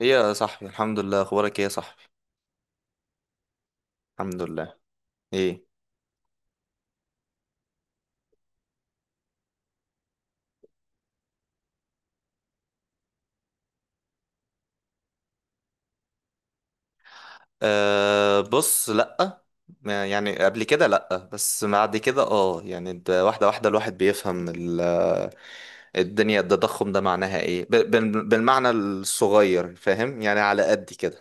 ايه يا صاحبي، الحمد لله. اخبارك ايه يا صاحبي؟ الحمد لله. ايه؟ أه، بص، لأ. يعني قبل كده لأ، بس بعد كده اه، يعني ده واحدة واحدة الواحد بيفهم الدنيا. التضخم ده معناها ايه؟ بالمعنى الصغير، فاهم؟ يعني على قد كده.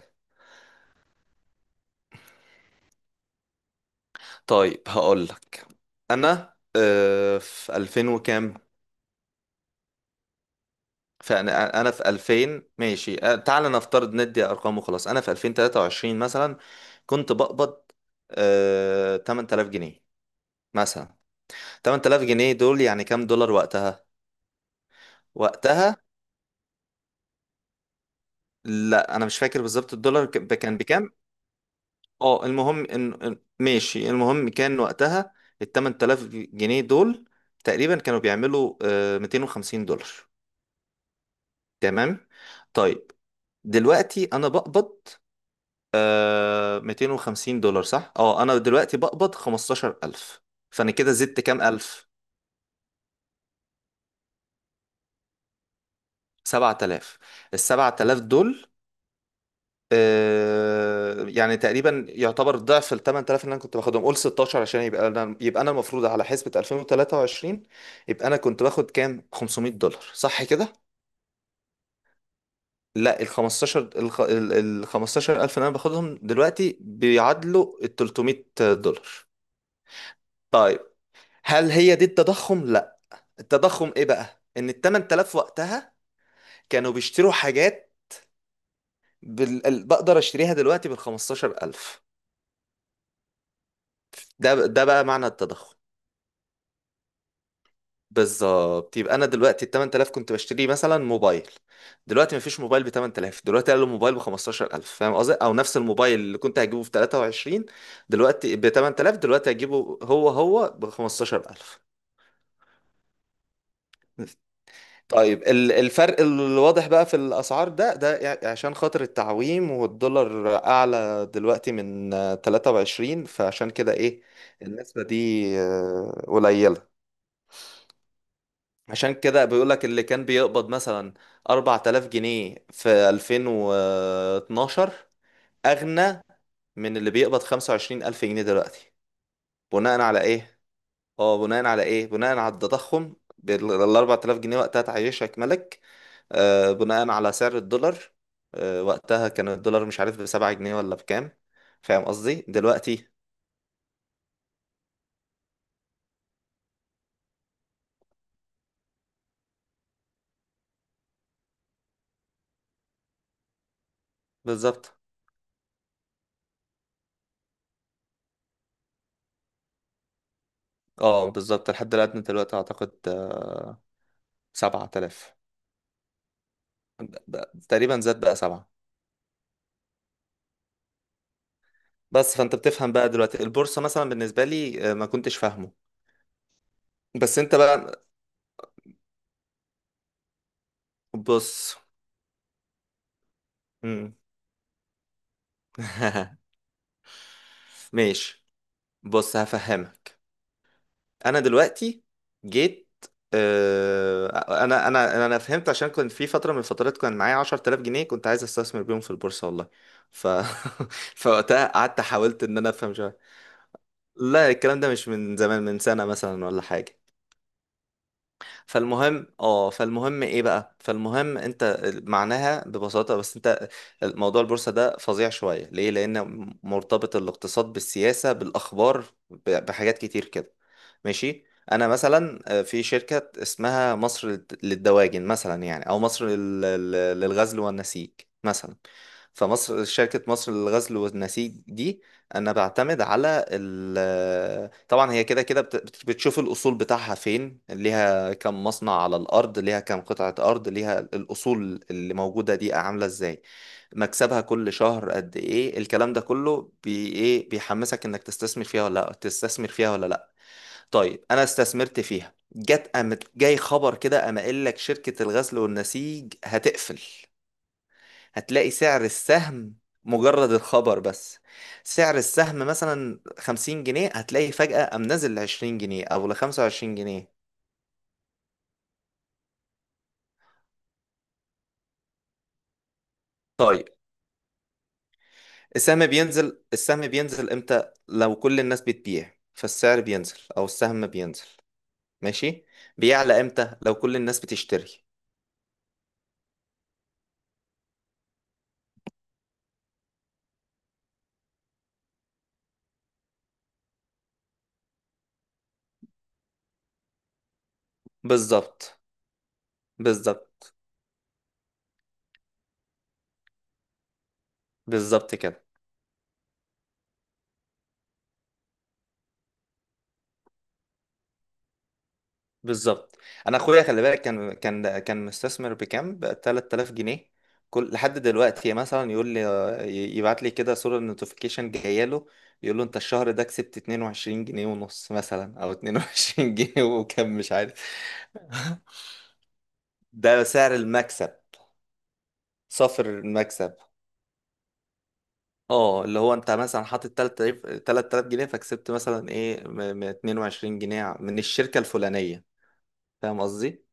طيب، هقولك. انا في 2000 وكام، فانا في 2000 ماشي، تعال نفترض ندي ارقام وخلاص. انا في 2023 مثلا كنت بقبض 8000 جنيه مثلا. 8000 جنيه دول يعني كام دولار وقتها؟ لا، انا مش فاكر بالظبط الدولار كان بكام. اه، المهم ماشي، المهم كان وقتها ال 8000 جنيه دول تقريبا كانوا بيعملوا 250 دولار. تمام. طيب دلوقتي انا بقبض 250 دولار، صح؟ اه، انا دلوقتي بقبض 15000. فانا كده زدت كام الف؟ 7000. ال 7000 دول آه يعني تقريبا يعتبر ضعف ال 8000 اللي انا كنت باخدهم. قول 16 عشان يبقى انا، المفروض على حسبة 2023 يبقى انا كنت باخد كام؟ 500 دولار، صح كده؟ لا، ال 15 الخ- ال ال 15000 اللي انا باخدهم دلوقتي بيعادلوا ال 300 دولار. طيب، هل هي دي التضخم؟ التضخم ايه بقى؟ ان ال 8000 وقتها كانوا بيشتروا حاجات بقدر اشتريها دلوقتي بال 15000. ده بقى معنى التضخم. بالظبط، يبقى انا دلوقتي ال 8000 كنت بشتري مثلا موبايل، دلوقتي مفيش موبايل ب 8000، دلوقتي قالوا موبايل ب 15000، فاهم قصدي؟ او نفس الموبايل اللي كنت هجيبه في 23 دلوقتي ب 8000، دلوقتي هجيبه هو هو ب 15000. طيب الفرق الواضح بقى في الأسعار ده، عشان خاطر التعويم والدولار أعلى دلوقتي من 23، فعشان كده إيه؟ النسبة دي قليلة. عشان كده بيقولك اللي كان بيقبض مثلا 4000 جنيه في 2012 أغنى من اللي بيقبض 25000 جنيه دلوقتي. بناء على إيه؟ اه، بناء على إيه؟ بناء على التضخم. ال 4000 جنيه وقتها تعيشك ملك. بناء على سعر الدولار. وقتها كان الدولار مش عارف ب 7 جنيه ولا بكام، فاهم قصدي دلوقتي؟ بالظبط. اه بالظبط، الحد الأدنى دلوقتي أعتقد 7000. تقريبا زاد بقى 7. بس فأنت بتفهم بقى دلوقتي. البورصة مثلا بالنسبة لي ما كنتش فاهمه. بس أنت بقى، بص. مم. ماشي، بص هفهمك. انا دلوقتي جيت، آه، انا فهمت عشان كنت في فتره من الفترات كان معايا 10000 جنيه كنت عايز استثمر بيهم في البورصه، والله. ف فوقتها قعدت حاولت ان انا افهم شويه. لا، الكلام ده مش من زمان، من سنه مثلا ولا حاجه. فالمهم ايه بقى؟ فالمهم انت معناها ببساطه، بس انت موضوع البورصه ده فظيع شويه، ليه؟ لان مرتبط الاقتصاد بالسياسه بالاخبار بحاجات كتير كده، ماشي. انا مثلا في شركة اسمها مصر للدواجن مثلا يعني، او مصر للغزل والنسيج مثلا. فمصر، شركة مصر للغزل والنسيج دي، انا بعتمد على ال، طبعا هي كده كده بتشوف الاصول بتاعها فين، ليها كم مصنع على الارض، ليها كم قطعة ارض، ليها الاصول اللي موجودة دي عاملة ازاي، مكسبها كل شهر قد ايه. الكلام ده كله بي ايه؟ بيحمسك انك تستثمر فيها ولا لا تستثمر فيها ولا لا. طيب انا استثمرت فيها، جت قامت جاي خبر كده، قام قايل لك شركة الغزل والنسيج هتقفل. هتلاقي سعر السهم، مجرد الخبر بس، سعر السهم مثلا 50 جنيه، هتلاقي فجأة قام نزل ل 20 جنيه او ل 25 جنيه. طيب، السهم بينزل. السهم بينزل امتى؟ لو كل الناس بتبيع فالسعر بينزل، او السهم بينزل، ماشي. بيعلى امتى؟ لو كل الناس بتشتري. بالظبط، بالظبط، بالظبط كده، بالظبط. انا اخويا خلي بالك كان مستثمر بكام، ب 3000 جنيه. كل لحد دلوقتي مثلا يقول لي، يبعت لي كده صورة نوتيفيكيشن جايه له، يقول له انت الشهر ده كسبت 22 جنيه ونص مثلا، او 22 جنيه وكم مش عارف. ده سعر المكسب، صافر المكسب. اه، اللي هو انت مثلا حاطط 3000 3000 جنيه، فكسبت مثلا ايه، 22 جنيه من الشركة الفلانية، فاهم قصدي؟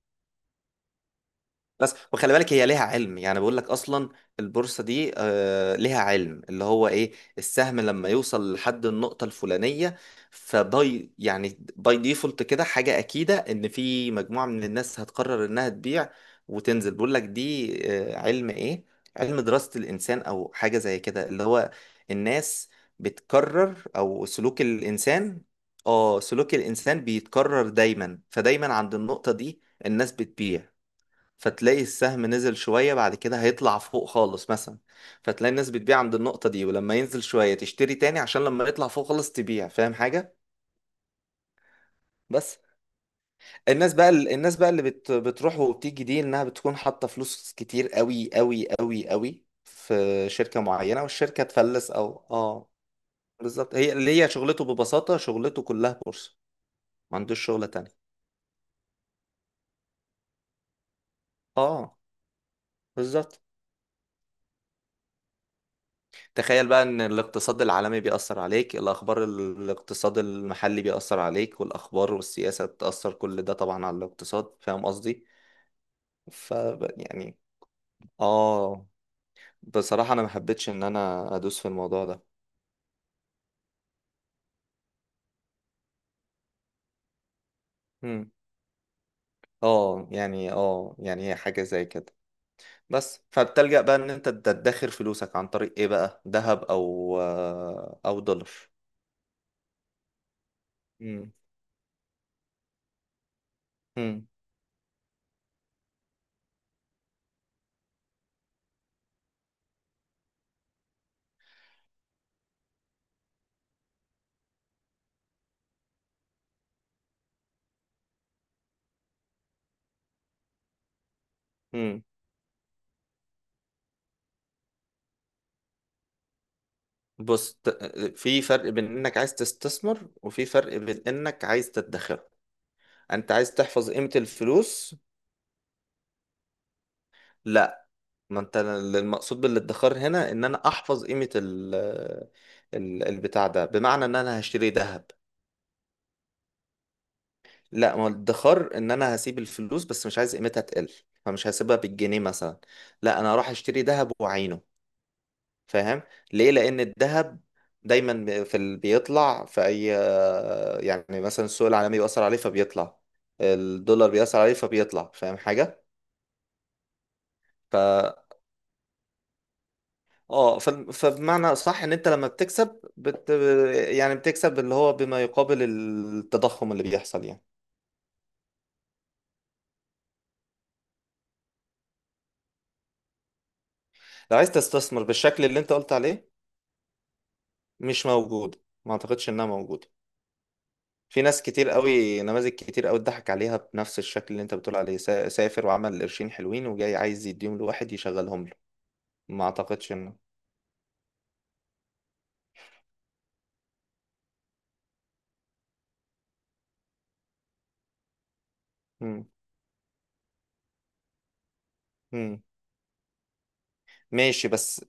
بس وخلي بالك، هي ليها علم، يعني بقول لك اصلا البورصه دي آه ليها علم، اللي هو ايه؟ السهم لما يوصل لحد النقطه الفلانيه، فباي، يعني باي ديفولت كده، حاجه اكيده ان في مجموعه من الناس هتقرر انها تبيع وتنزل. بقول لك دي آه علم ايه؟ علم دراسه الانسان او حاجه زي كده، اللي هو الناس بتكرر، او سلوك الانسان. اه، سلوك الانسان بيتكرر دايما، فدايما عند النقطه دي الناس بتبيع، فتلاقي السهم نزل شوية، بعد كده هيطلع فوق خالص مثلا، فتلاقي الناس بتبيع عند النقطة دي، ولما ينزل شوية تشتري تاني عشان لما يطلع فوق خالص تبيع، فاهم حاجة؟ بس الناس بقى، الناس بقى اللي بتروح وبتيجي دي، انها بتكون حاطة فلوس كتير قوي قوي قوي قوي في شركة معينة والشركة تفلس او اه. بالظبط، هي اللي هي شغلته، ببساطة شغلته كلها بورصة، ما عندوش شغلة تانية. اه بالظبط. تخيل بقى ان الاقتصاد العالمي بيأثر عليك، الاخبار، الاقتصاد المحلي بيأثر عليك، والاخبار والسياسة تأثر كل ده طبعا على الاقتصاد، فاهم قصدي؟ ف يعني، اه بصراحة انا ما حبيتش ان انا ادوس في الموضوع ده. مم. اه يعني، يعني هي حاجة زي كده. بس فبتلجأ بقى ان انت تدخر فلوسك عن طريق ايه بقى؟ ذهب، او او دولار. مم. مم. مم. بص، في فرق بين انك عايز تستثمر وفي فرق بين انك عايز تدخر. انت عايز تحفظ قيمة الفلوس. لا، ما انت المقصود بالادخار هنا ان انا احفظ قيمة ال البتاع ده، بمعنى ان انا هشتري ذهب. لا، ما هو الادخار ان انا هسيب الفلوس بس مش عايز قيمتها تقل، فمش هسيبها بالجنيه مثلا، لا انا هروح اشتري ذهب واعينه، فاهم؟ ليه؟ لان الذهب دايما بيطلع في اي، يعني مثلا السوق العالمي بيأثر عليه فبيطلع، الدولار بيأثر عليه فبيطلع، فاهم حاجة؟ ف فبمعنى صح ان انت لما بتكسب يعني بتكسب اللي هو بما يقابل التضخم اللي بيحصل يعني. لو عايز تستثمر بالشكل اللي انت قلت عليه مش موجود، ما اعتقدش انها موجودة. في ناس كتير قوي، نماذج كتير قوي اتضحك عليها بنفس الشكل اللي انت بتقول عليه، سافر وعمل قرشين حلوين وجاي عايز يديهم لواحد يشغلهم له، ما اعتقدش انه. مم. مم. ماشي بس،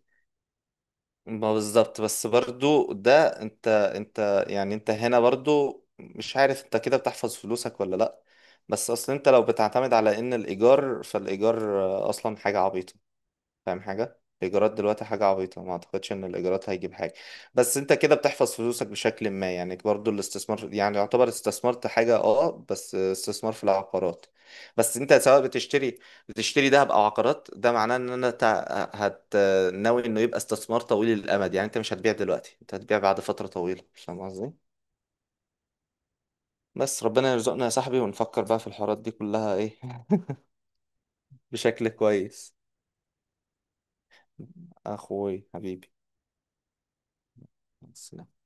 ما بالظبط. بس برضو ده انت، يعني انت هنا برضو مش عارف انت كده بتحفظ فلوسك ولا لا. بس اصل انت لو بتعتمد على ان الايجار، فالايجار اصلا حاجة عبيطة، فاهم حاجة؟ الإيجارات دلوقتي حاجة عبيطة، ما أعتقدش إن الإيجارات هيجيب حاجة. بس أنت كده بتحفظ فلوسك بشكل ما، يعني برضو الاستثمار، يعني يعتبر استثمرت حاجة أه، بس استثمار في العقارات. بس أنت سواء بتشتري دهب أو عقارات، ده معناه إن أنا تع- هت ناوي إنه يبقى استثمار طويل الأمد، يعني أنت مش هتبيع دلوقتي، أنت هتبيع بعد فترة طويلة، فاهم قصدي؟ بس ربنا يرزقنا يا صاحبي، ونفكر بقى في الحوارات دي كلها إيه. بشكل كويس. أخوي حبيبي. سلام.